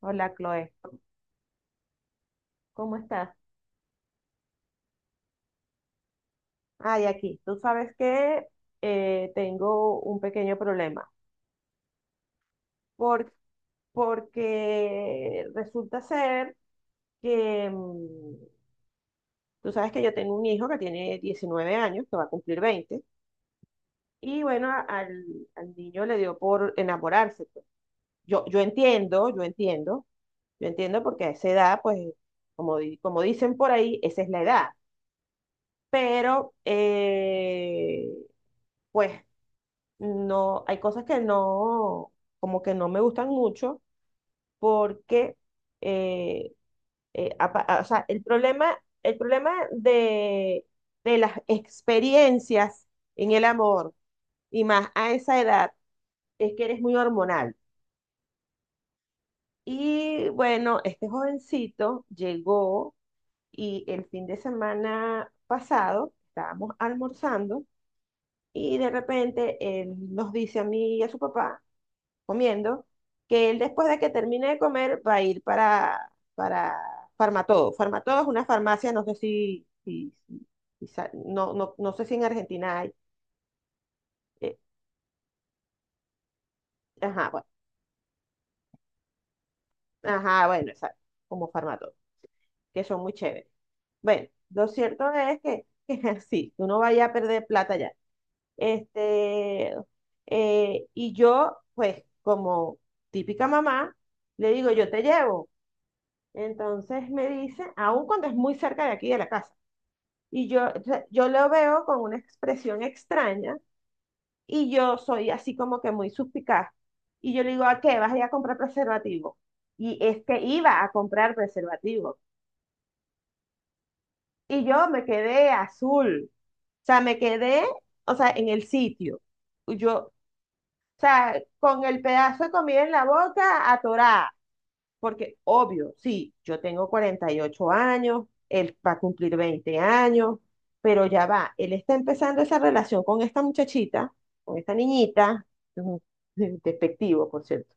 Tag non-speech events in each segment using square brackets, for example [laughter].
Hola, Chloe. ¿Cómo estás? Ay, aquí. Tú sabes que tengo un pequeño problema. Por, porque resulta ser que tú sabes que yo tengo un hijo que tiene 19 años, que va a cumplir 20. Y bueno, al niño le dio por enamorarse, pues. Yo entiendo, yo entiendo, yo entiendo porque a esa edad, pues, como, como dicen por ahí, esa es la edad. Pero, pues no, hay cosas que no, como que no me gustan mucho porque, eh, o sea, el problema de las experiencias en el amor y más a esa edad es que eres muy hormonal. Y bueno, este jovencito llegó y el fin de semana pasado estábamos almorzando y de repente él nos dice a mí y a su papá comiendo, que él después de que termine de comer va a ir para Farmatodo. Farmatodo es una farmacia, no sé no, no, no sé si en Argentina hay. eh, ajá, bueno, ajá, bueno, exacto, como Farmatodo, que son muy chéveres. Bueno, lo cierto es que, [laughs] que sí, uno vaya a perder plata ya. Este, y yo, pues, como típica mamá, le digo, yo te llevo. Entonces me dice, aun cuando es muy cerca de aquí de la casa, y yo, o sea, yo lo veo con una expresión extraña y yo soy así como que muy suspicaz. Y yo le digo, ¿a qué? ¿Vas a ir a comprar preservativo? Y es que iba a comprar preservativo. Y yo me quedé azul, o sea, me quedé, o sea, en el sitio. Yo, o sea, con el pedazo de comida en la boca, atorada. Porque, obvio, sí, yo tengo 48 años, él va a cumplir 20 años, pero ya va, él está empezando esa relación con esta muchachita, con esta niñita, ujú, [laughs] despectivo, por cierto,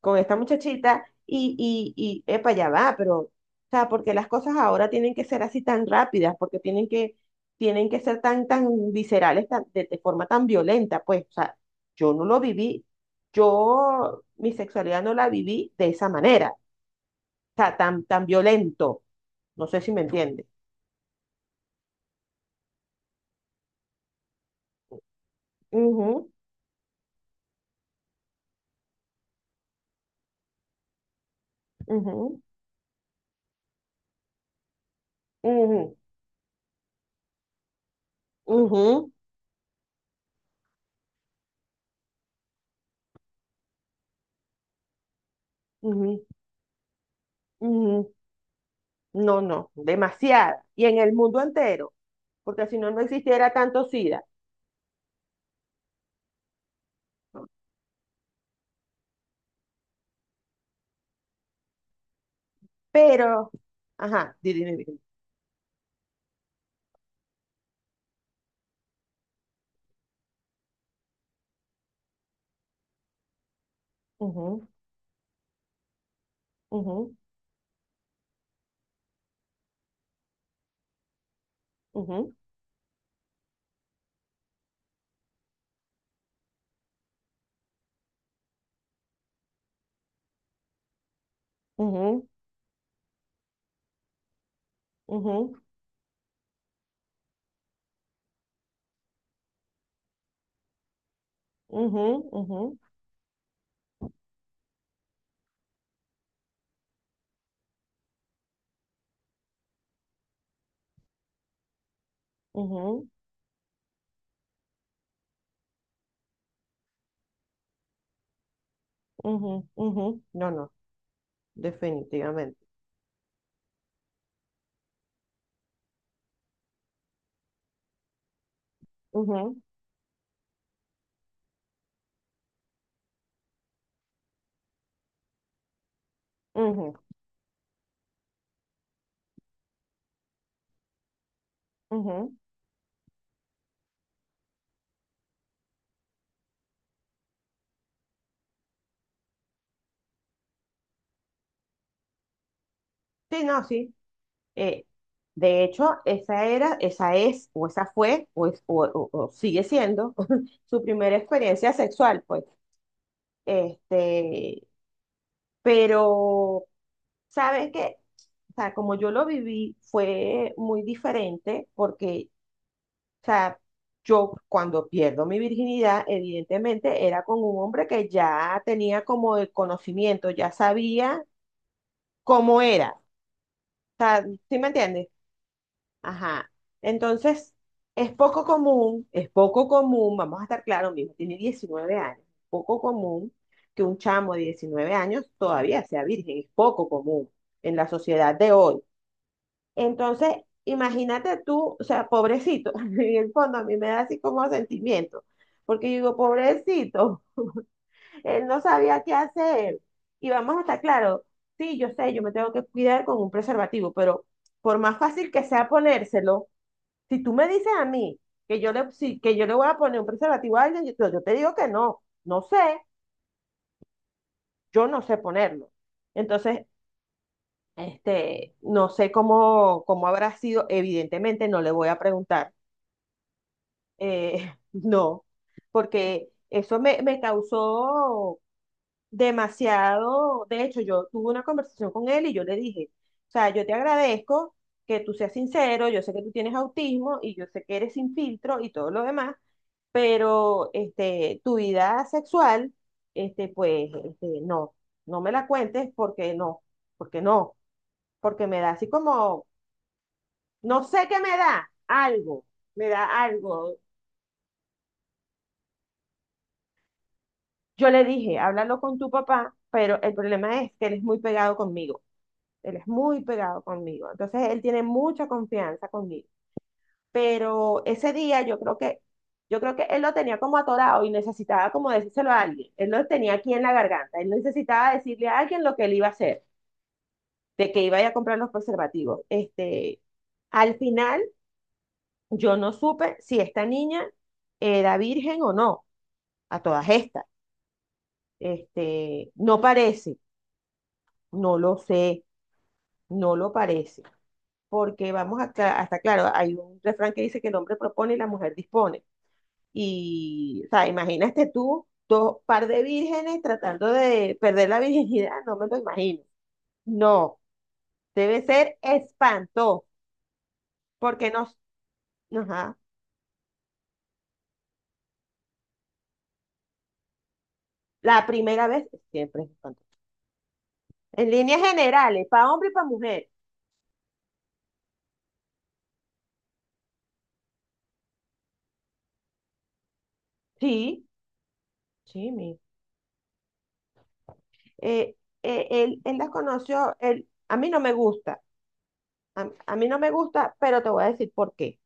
con esta muchachita, y, epa, ya va, pero, o sea, porque las cosas ahora tienen que ser así tan rápidas, porque tienen que ser tan, tan viscerales, tan- de forma tan violenta, pues, o sea, yo no lo viví, yo mi sexualidad no la viví de esa manera sea, tan, tan violento. No sé si me entiende. Ujú, ujú, ujú, ujú, ujú, ujú. No, no, demasiada. Y en el mundo entero, porque si no, no existiera tanto SIDA. Pero, ajá, dime, dime. Ujú, ujú, ujú, ujú, ujú, ujú, ujú, ujú, ujú, ujú. No, no, definitivamente. Ujú, ujú, ujú. Sí, no, sí. Eh, de hecho, esa era, esa es, o esa fue, o, es- o sigue siendo [laughs] su primera experiencia sexual, pues. Este, pero, ¿sabes qué? O sea, como yo lo viví, fue muy diferente porque, o sea, yo cuando pierdo mi virginidad, evidentemente era con un hombre que ya tenía como el conocimiento, ya sabía cómo era. O sea, ¿sí me entiendes? Ajá. Entonces, es poco común, vamos a estar claros, mi hijo tiene 19 años, poco común que un chamo de 19 años todavía sea virgen, es poco común en la sociedad de hoy. Entonces, imagínate tú, o sea, pobrecito, [laughs] en el fondo a mí me da así como sentimiento, porque yo digo, pobrecito, él no sabía qué hacer. Y vamos a estar claros, sí, yo sé, yo me tengo que cuidar con un preservativo, pero por más fácil que sea ponérselo, si tú me dices a mí que yo le, si- que yo le voy a poner un preservativo a alguien, yo te digo que no, no sé, yo no sé ponerlo. Entonces, este, no sé cómo, cómo habrá sido, evidentemente no le voy a preguntar, [laughs] no, porque eso me causó demasiado. De hecho, yo tuve una conversación con él y yo le dije, o sea, yo te agradezco que tú seas sincero, yo sé que tú tienes autismo y yo sé que eres sin filtro y todo lo demás, pero este, tu vida sexual, este, pues, este, no, no me la cuentes porque no, porque no, porque me da así como, no sé qué me da, algo, me da algo. Yo le dije, háblalo con tu papá, pero el problema es que él es muy pegado conmigo, él es muy pegado conmigo, entonces él tiene mucha confianza conmigo. Pero ese día yo creo que él lo tenía como atorado y necesitaba como decírselo a alguien. Él lo tenía aquí en la garganta. Él necesitaba decirle a alguien lo que él iba a hacer, de que iba a ir a comprar los preservativos. Este, al final, yo no supe si esta niña era virgen o no, a todas estas. Este, no parece, no lo sé, no lo parece. Porque vamos a, hasta claro, hay un refrán que dice que el hombre propone y la mujer dispone. Y, o sea, imagínate tú, dos par de vírgenes tratando de perder la virginidad, no me lo imagino. No, debe ser espanto, porque nos, ajá, la primera vez siempre es espanto. En líneas generales, para hombre y para mujer. Sí, sí, mi. eh, Él, él las conoció, él, a mí no me gusta, a mí no me gusta, pero te voy a decir por qué.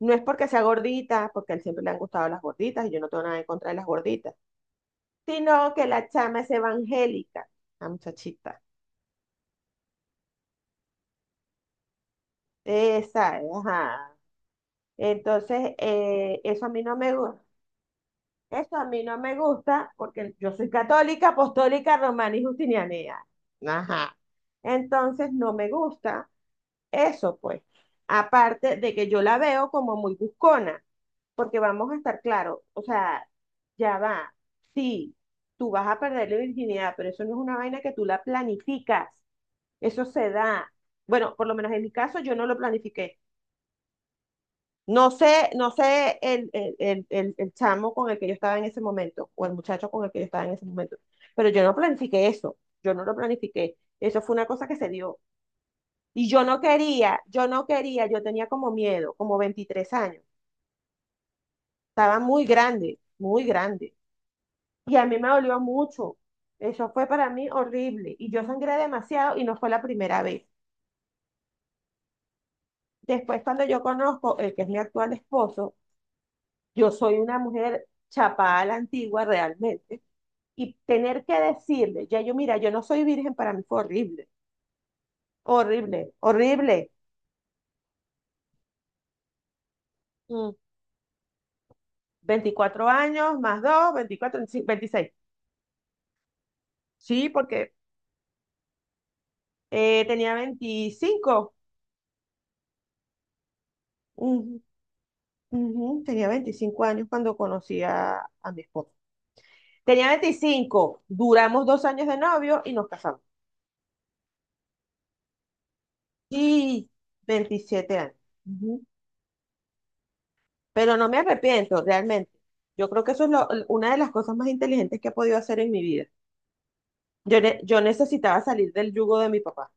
No es porque sea gordita, porque a él siempre le han gustado las gorditas y yo no tengo nada en contra de las gorditas sino que la chama es evangélica, la muchachita. Esa, ajá. Entonces, eso a mí no me gusta. Eso a mí no me gusta porque yo soy católica, apostólica, romana y justinianea. Ajá. Entonces, no me gusta eso, pues. Aparte de que yo la veo como muy buscona, porque vamos a estar claros, o sea, ya va. Sí, tú vas a perder la virginidad, pero eso no es una vaina que tú la planificas. Eso se da. Bueno, por lo menos en mi caso, yo no lo planifiqué. No sé, no sé el chamo con el que yo estaba en ese momento, o el muchacho con el que yo estaba en ese momento, pero yo no planifiqué eso, yo no lo planifiqué. Eso fue una cosa que se dio. Y yo no quería, yo no quería, yo tenía como miedo, como 23 años. Estaba muy grande, muy grande. Y a mí me dolió mucho. Eso fue para mí horrible. Y yo sangré demasiado y no fue la primera vez. Después, cuando yo conozco el que es mi actual esposo, yo soy una mujer chapada a la antigua realmente. Y tener que decirle, ya yo, mira, yo no soy virgen, para mí fue horrible, horrible, horrible. Mm, 24 años, más 2 24 sí, 26. Sí, porque tenía 25, ujú, ujú, tenía 25 años cuando conocí a mi esposo. Tenía 25, duramos 2 años de novio y nos casamos. Y 27 años. Ujú. Pero no me arrepiento, realmente. Yo creo que eso es lo- una de las cosas más inteligentes que he podido hacer en mi vida. Yo necesitaba salir del yugo de mi papá,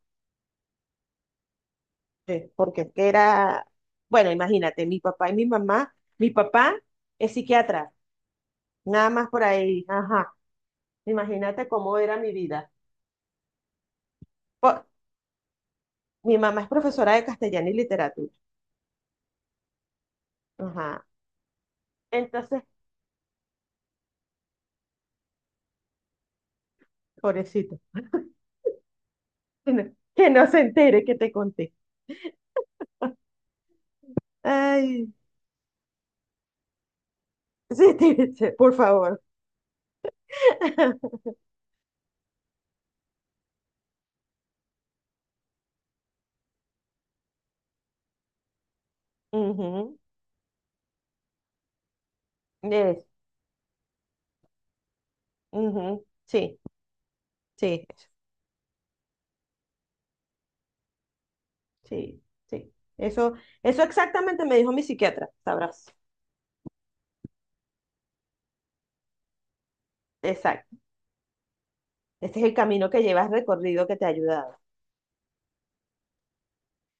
porque es que era, bueno, imagínate, mi papá y mi mamá, mi papá es psiquiatra, nada más por ahí, ajá. Imagínate cómo era mi vida. Po- Mi mamá es profesora de castellano y literatura, ajá. Entonces, pobrecito, que no, que no se entere que te conté. Ay, sí, [laughs] por favor. Ujú. Eso. Ujú, sí, sí, sí, sí. Eso exactamente me dijo mi psiquiatra, sabrás. Exacto. Este es el camino que llevas recorrido que te ha ayudado.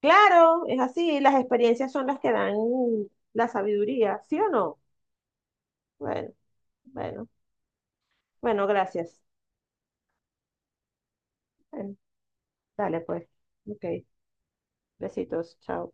Claro, es así, las experiencias son las que dan la sabiduría, ¿sí o no? Bueno, bueno, bueno, gracias. Bueno, dale pues. Ok, besitos, chao.